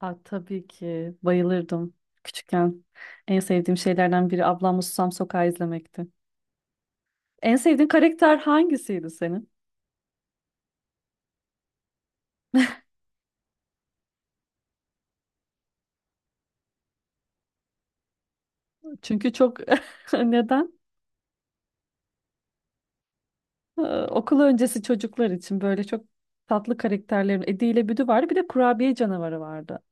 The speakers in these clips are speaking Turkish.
Aa, tabii ki bayılırdım küçükken. En sevdiğim şeylerden biri ablamla Susam Sokağı izlemekti. En sevdiğin karakter hangisiydi senin? Çünkü çok neden? Ee, Okul öncesi çocuklar için böyle çok tatlı karakterlerin Edi ile Büdü vardı. Bir de kurabiye canavarı vardı.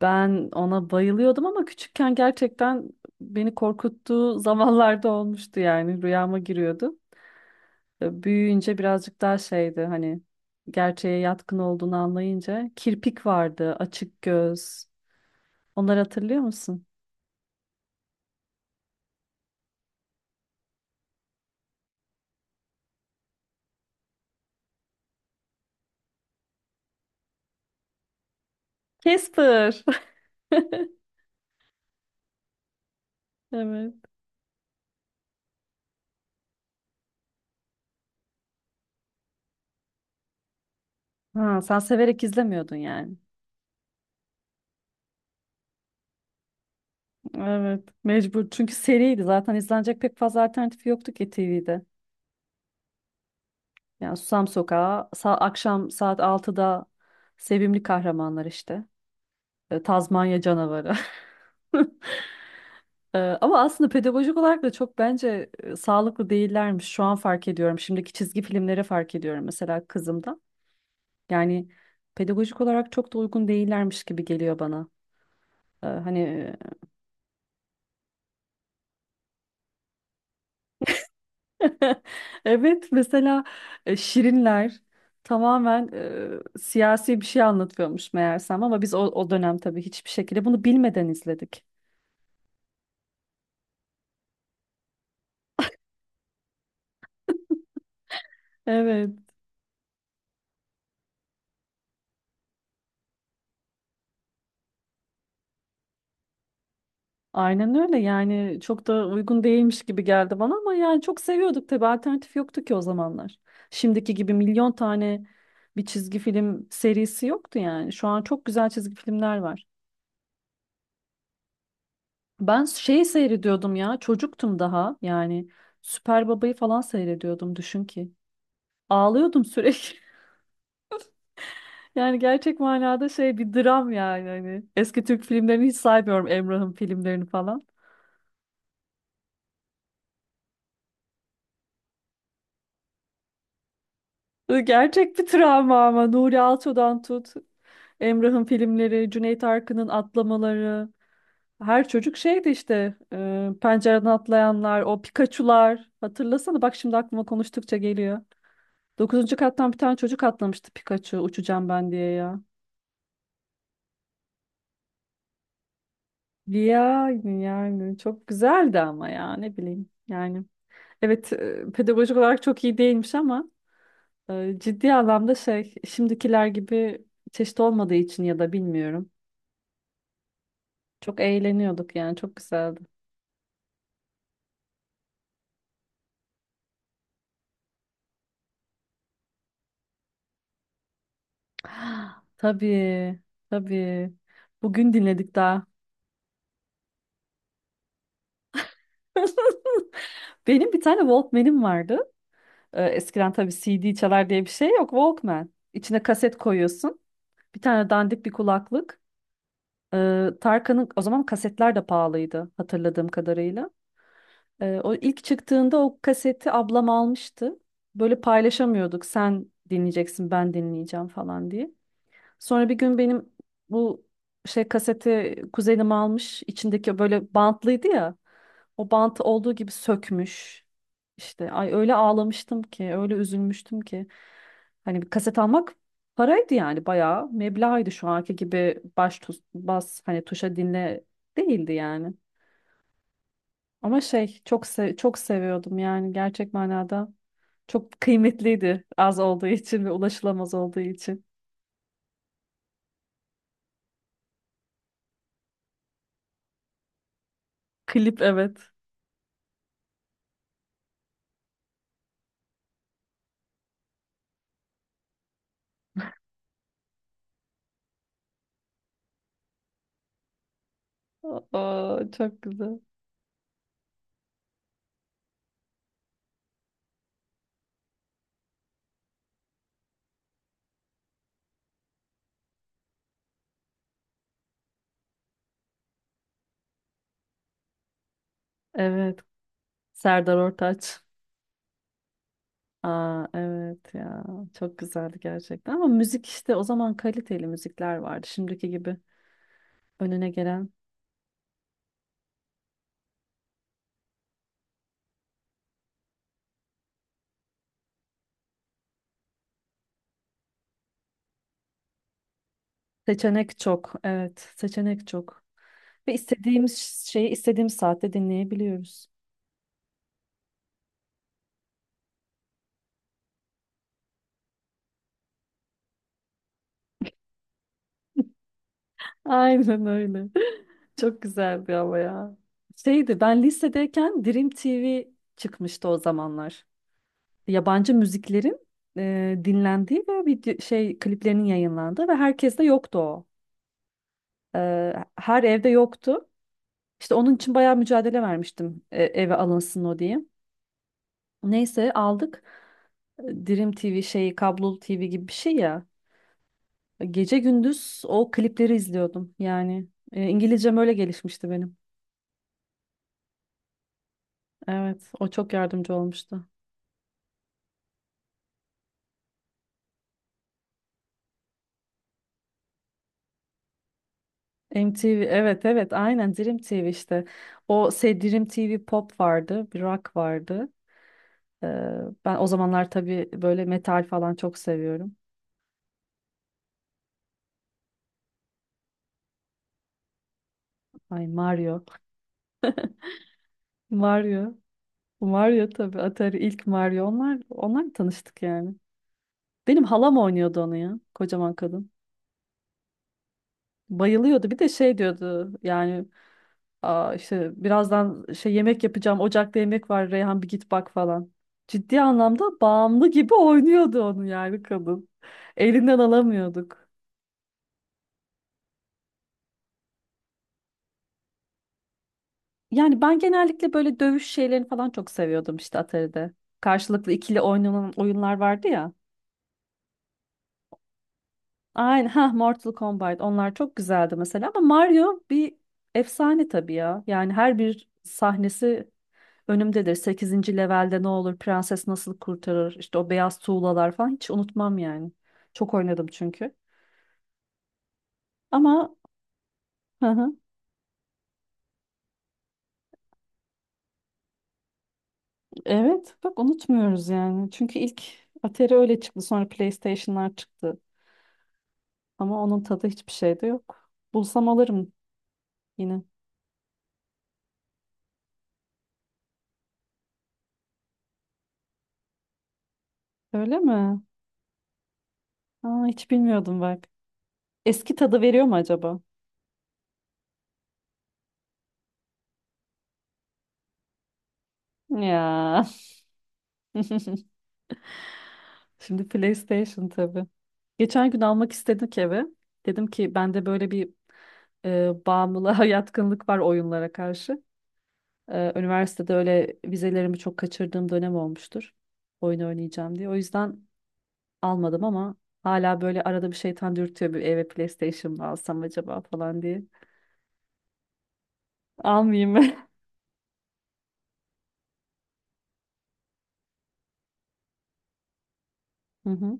Ben ona bayılıyordum ama küçükken gerçekten beni korkuttuğu zamanlarda olmuştu, yani rüyama giriyordu. Büyüyünce birazcık daha şeydi, hani gerçeğe yatkın olduğunu anlayınca, kirpik vardı, açık göz. Onları hatırlıyor musun? Casper. Evet. Ha, sen severek izlemiyordun yani. Evet, mecbur. Çünkü seriydi. Zaten izlenecek pek fazla alternatifi yoktu ki TV'de. Yani Susam Sokağı, akşam saat altıda Sevimli Kahramanlar işte. Tazmanya Canavarı. Ama aslında pedagojik olarak da çok bence sağlıklı değillermiş. Şu an fark ediyorum. Şimdiki çizgi filmleri fark ediyorum mesela kızımda. Yani pedagojik olarak çok da uygun değillermiş gibi geliyor bana. Hani evet, mesela Şirinler tamamen siyasi bir şey anlatıyormuş meğersem, ama biz o dönem tabii hiçbir şekilde bunu bilmeden izledik. Evet. Aynen öyle, yani çok da uygun değilmiş gibi geldi bana ama yani çok seviyorduk, tabii alternatif yoktu ki o zamanlar. Şimdiki gibi milyon tane bir çizgi film serisi yoktu yani. Şu an çok güzel çizgi filmler var. Ben şey seyrediyordum ya, çocuktum daha yani, Süper Baba'yı falan seyrediyordum düşün ki. Ağlıyordum sürekli. Yani gerçek manada şey, bir dram yani hani. Eski Türk filmlerini hiç saymıyorum, Emrah'ın filmlerini falan. Gerçek bir travma ama, Nuri Alço'dan tut, Emrah'ın filmleri, Cüneyt Arkın'ın atlamaları. Her çocuk şeydi işte, pencereden atlayanlar, o Pikachu'lar. Hatırlasana bak, şimdi aklıma konuştukça geliyor. Dokuzuncu kattan bir tane çocuk atlamıştı, Pikachu uçacağım ben diye ya. Yani çok güzeldi ama ya, ne bileyim yani. Evet, pedagojik olarak çok iyi değilmiş ama ciddi anlamda şey, şimdikiler gibi çeşit olmadığı için ya da bilmiyorum. Çok eğleniyorduk yani, çok güzeldi. Ah, tabii, tabii. Bugün dinledik daha. Benim bir tane Walkman'im vardı. Eskiden tabii CD çalar diye bir şey yok. Walkman. İçine kaset koyuyorsun. Bir tane dandik bir kulaklık. Tarkan'ın, o zaman kasetler de pahalıydı hatırladığım kadarıyla. O ilk çıktığında o kaseti ablam almıştı. Böyle paylaşamıyorduk. Sen dinleyeceksin, ben dinleyeceğim falan diye. Sonra bir gün benim bu şey kaseti kuzenim almış, içindeki böyle bantlıydı ya. O bantı olduğu gibi sökmüş. İşte ay, öyle ağlamıştım ki, öyle üzülmüştüm ki. Hani bir kaset almak paraydı yani, bayağı meblağıydı, şu anki gibi bas hani tuşa dinle değildi yani. Ama şey, çok seviyordum yani, gerçek manada. Çok kıymetliydi, az olduğu için ve ulaşılamaz olduğu için. Klip, evet. Aa, çok güzel. Evet. Serdar Ortaç. Aa, evet ya. Çok güzeldi gerçekten. Ama müzik işte, o zaman kaliteli müzikler vardı. Şimdiki gibi önüne gelen. Seçenek çok. Evet. Seçenek çok. Ve istediğimiz şeyi istediğimiz saatte dinleyebiliyoruz. Aynen öyle. Çok güzeldi ama ya. Şeydi, ben lisedeyken Dream TV çıkmıştı o zamanlar, yabancı müziklerin dinlendiği ve video şey kliplerinin yayınlandığı, ve herkes de yoktu o. Her evde yoktu. İşte onun için bayağı mücadele vermiştim, eve alınsın o diye. Neyse aldık. Dream TV şeyi, kablolu TV gibi bir şey ya. Gece gündüz o klipleri izliyordum yani. İngilizcem öyle gelişmişti benim. Evet, o çok yardımcı olmuştu. MTV, evet evet, aynen Dream TV işte. O şey, Dream TV Pop vardı, bir rock vardı. Ee, Ben o zamanlar tabii böyle metal falan çok seviyorum. Ay, Mario. Mario. Mario tabii, Atari, ilk Mario. Onlar tanıştık yani. Benim halam oynuyordu onu ya. Kocaman kadın. Bayılıyordu. Bir de şey diyordu yani, aa, işte birazdan şey, yemek yapacağım. Ocakta yemek var. Reyhan bir git bak falan. Ciddi anlamda bağımlı gibi oynuyordu onu yani kadın. Elinden alamıyorduk. Yani ben genellikle böyle dövüş şeylerini falan çok seviyordum işte Atari'de. Karşılıklı ikili oynanan oyunlar vardı ya. Aynen, ha, Mortal Kombat, onlar çok güzeldi mesela, ama Mario bir efsane tabii ya. Yani her bir sahnesi önümdedir. Sekizinci levelde ne olur, prenses nasıl kurtarır, işte o beyaz tuğlalar falan hiç unutmam yani. Çok oynadım çünkü. Ama hı hı, evet bak, unutmuyoruz yani. Çünkü ilk Atari öyle çıktı, sonra PlayStation'lar çıktı. Ama onun tadı hiçbir şeyde yok. Bulsam alırım yine. Öyle mi? Aa, hiç bilmiyordum bak. Eski tadı veriyor mu acaba? Ya. Şimdi PlayStation tabii. Geçen gün almak istedik eve. Dedim ki, bende böyle bir bağımlılığa yatkınlık var oyunlara karşı. Üniversitede öyle vizelerimi çok kaçırdığım dönem olmuştur. Oyun oynayacağım diye. O yüzden almadım ama hala böyle arada bir şeytan dürtüyor, bir eve PlayStation mı alsam acaba falan diye. Almayayım. Hı hı.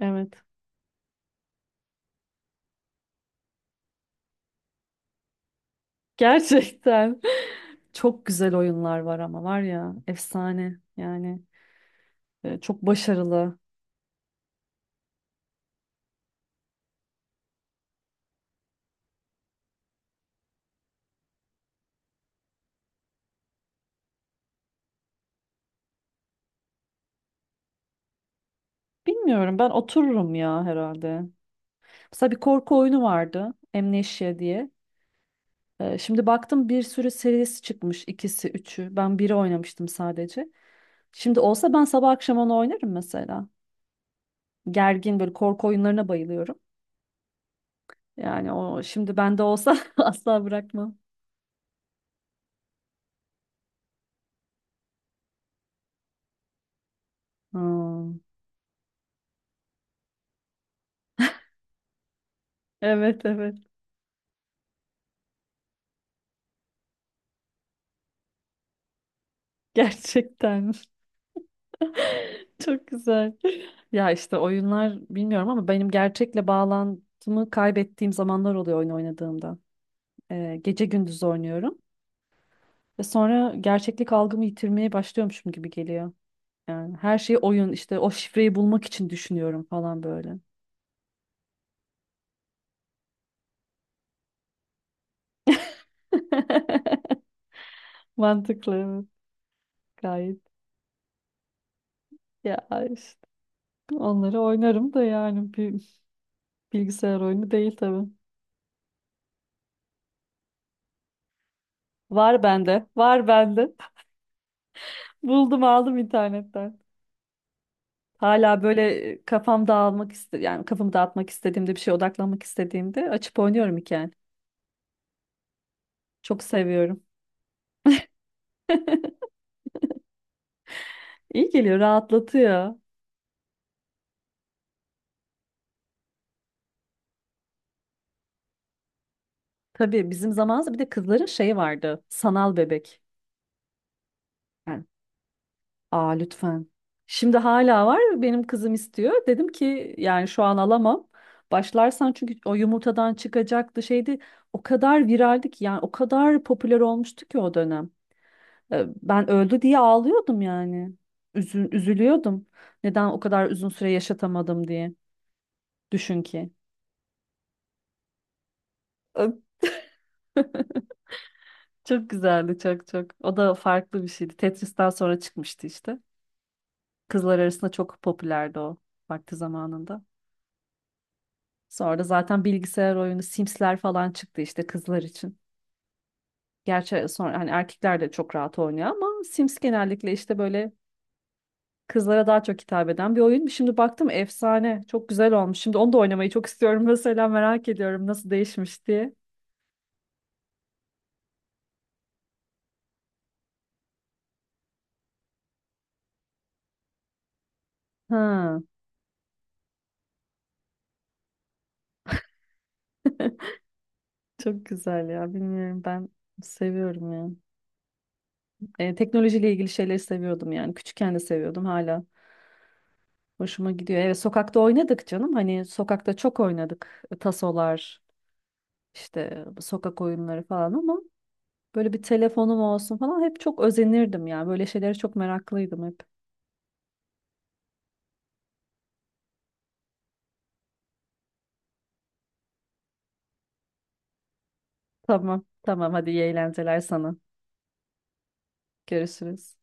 Evet. Gerçekten çok güzel oyunlar var, ama var ya efsane yani, çok başarılı. Bilmiyorum, ben otururum ya herhalde. Mesela bir korku oyunu vardı, Amnesia diye. Şimdi baktım bir sürü serisi çıkmış, ikisi üçü. Ben biri oynamıştım sadece. Şimdi olsa ben sabah akşam onu oynarım mesela. Gergin, böyle korku oyunlarına bayılıyorum. Yani o şimdi bende olsa asla bırakmam. Hmm. Evet evet, gerçekten. Çok güzel. Ya işte oyunlar, bilmiyorum ama benim gerçekle bağlantımı kaybettiğim zamanlar oluyor oyun oynadığımda. Gece gündüz oynuyorum ve sonra gerçeklik algımı yitirmeye başlıyormuşum gibi geliyor. Yani her şeyi oyun, işte o şifreyi bulmak için düşünüyorum falan böyle. Mantıklı, evet, gayet. Ya işte onları oynarım da yani, bir bilgisayar oyunu değil tabii. Var bende, var bende. Buldum, aldım internetten. Hala böyle kafam dağılmak iste, yani kafamı dağıtmak istediğimde, bir şeye odaklanmak istediğimde açıp oynuyorum hikaye. Çok seviyorum. İyi geliyor, rahatlatıyor. Tabii bizim zamanımızda bir de kızların şeyi vardı. Sanal bebek. Yani, aa, lütfen. Şimdi hala var. Benim kızım istiyor. Dedim ki, yani şu an alamam. Başlarsan, çünkü o yumurtadan çıkacaktı şeydi. O kadar viraldi ki yani, o kadar popüler olmuştu ki o dönem. Ben öldü diye ağlıyordum yani. Üzülüyordum. Neden o kadar uzun süre yaşatamadım diye. Düşün ki. Ö, Çok güzeldi, çok çok. O da farklı bir şeydi. Tetris'ten sonra çıkmıştı işte. Kızlar arasında çok popülerdi o vakti zamanında. Sonra da zaten bilgisayar oyunu Sims'ler falan çıktı işte kızlar için. Gerçi sonra hani erkekler de çok rahat oynuyor ama Sims genellikle işte böyle kızlara daha çok hitap eden bir oyun. Şimdi baktım efsane. Çok güzel olmuş. Şimdi onu da oynamayı çok istiyorum mesela, merak ediyorum nasıl değişmiş diye. Ha. Çok güzel ya. Bilmiyorum, ben seviyorum ya. Teknolojiyle ilgili şeyleri seviyordum yani. Küçükken de seviyordum, hala. Hoşuma gidiyor. Evet, sokakta oynadık canım. Hani sokakta çok oynadık. Tasolar, işte sokak oyunları falan, ama böyle bir telefonum olsun falan hep çok özenirdim ya. Böyle şeylere çok meraklıydım hep. Tamam, tamam, hadi iyi eğlenceler sana. Görüşürüz.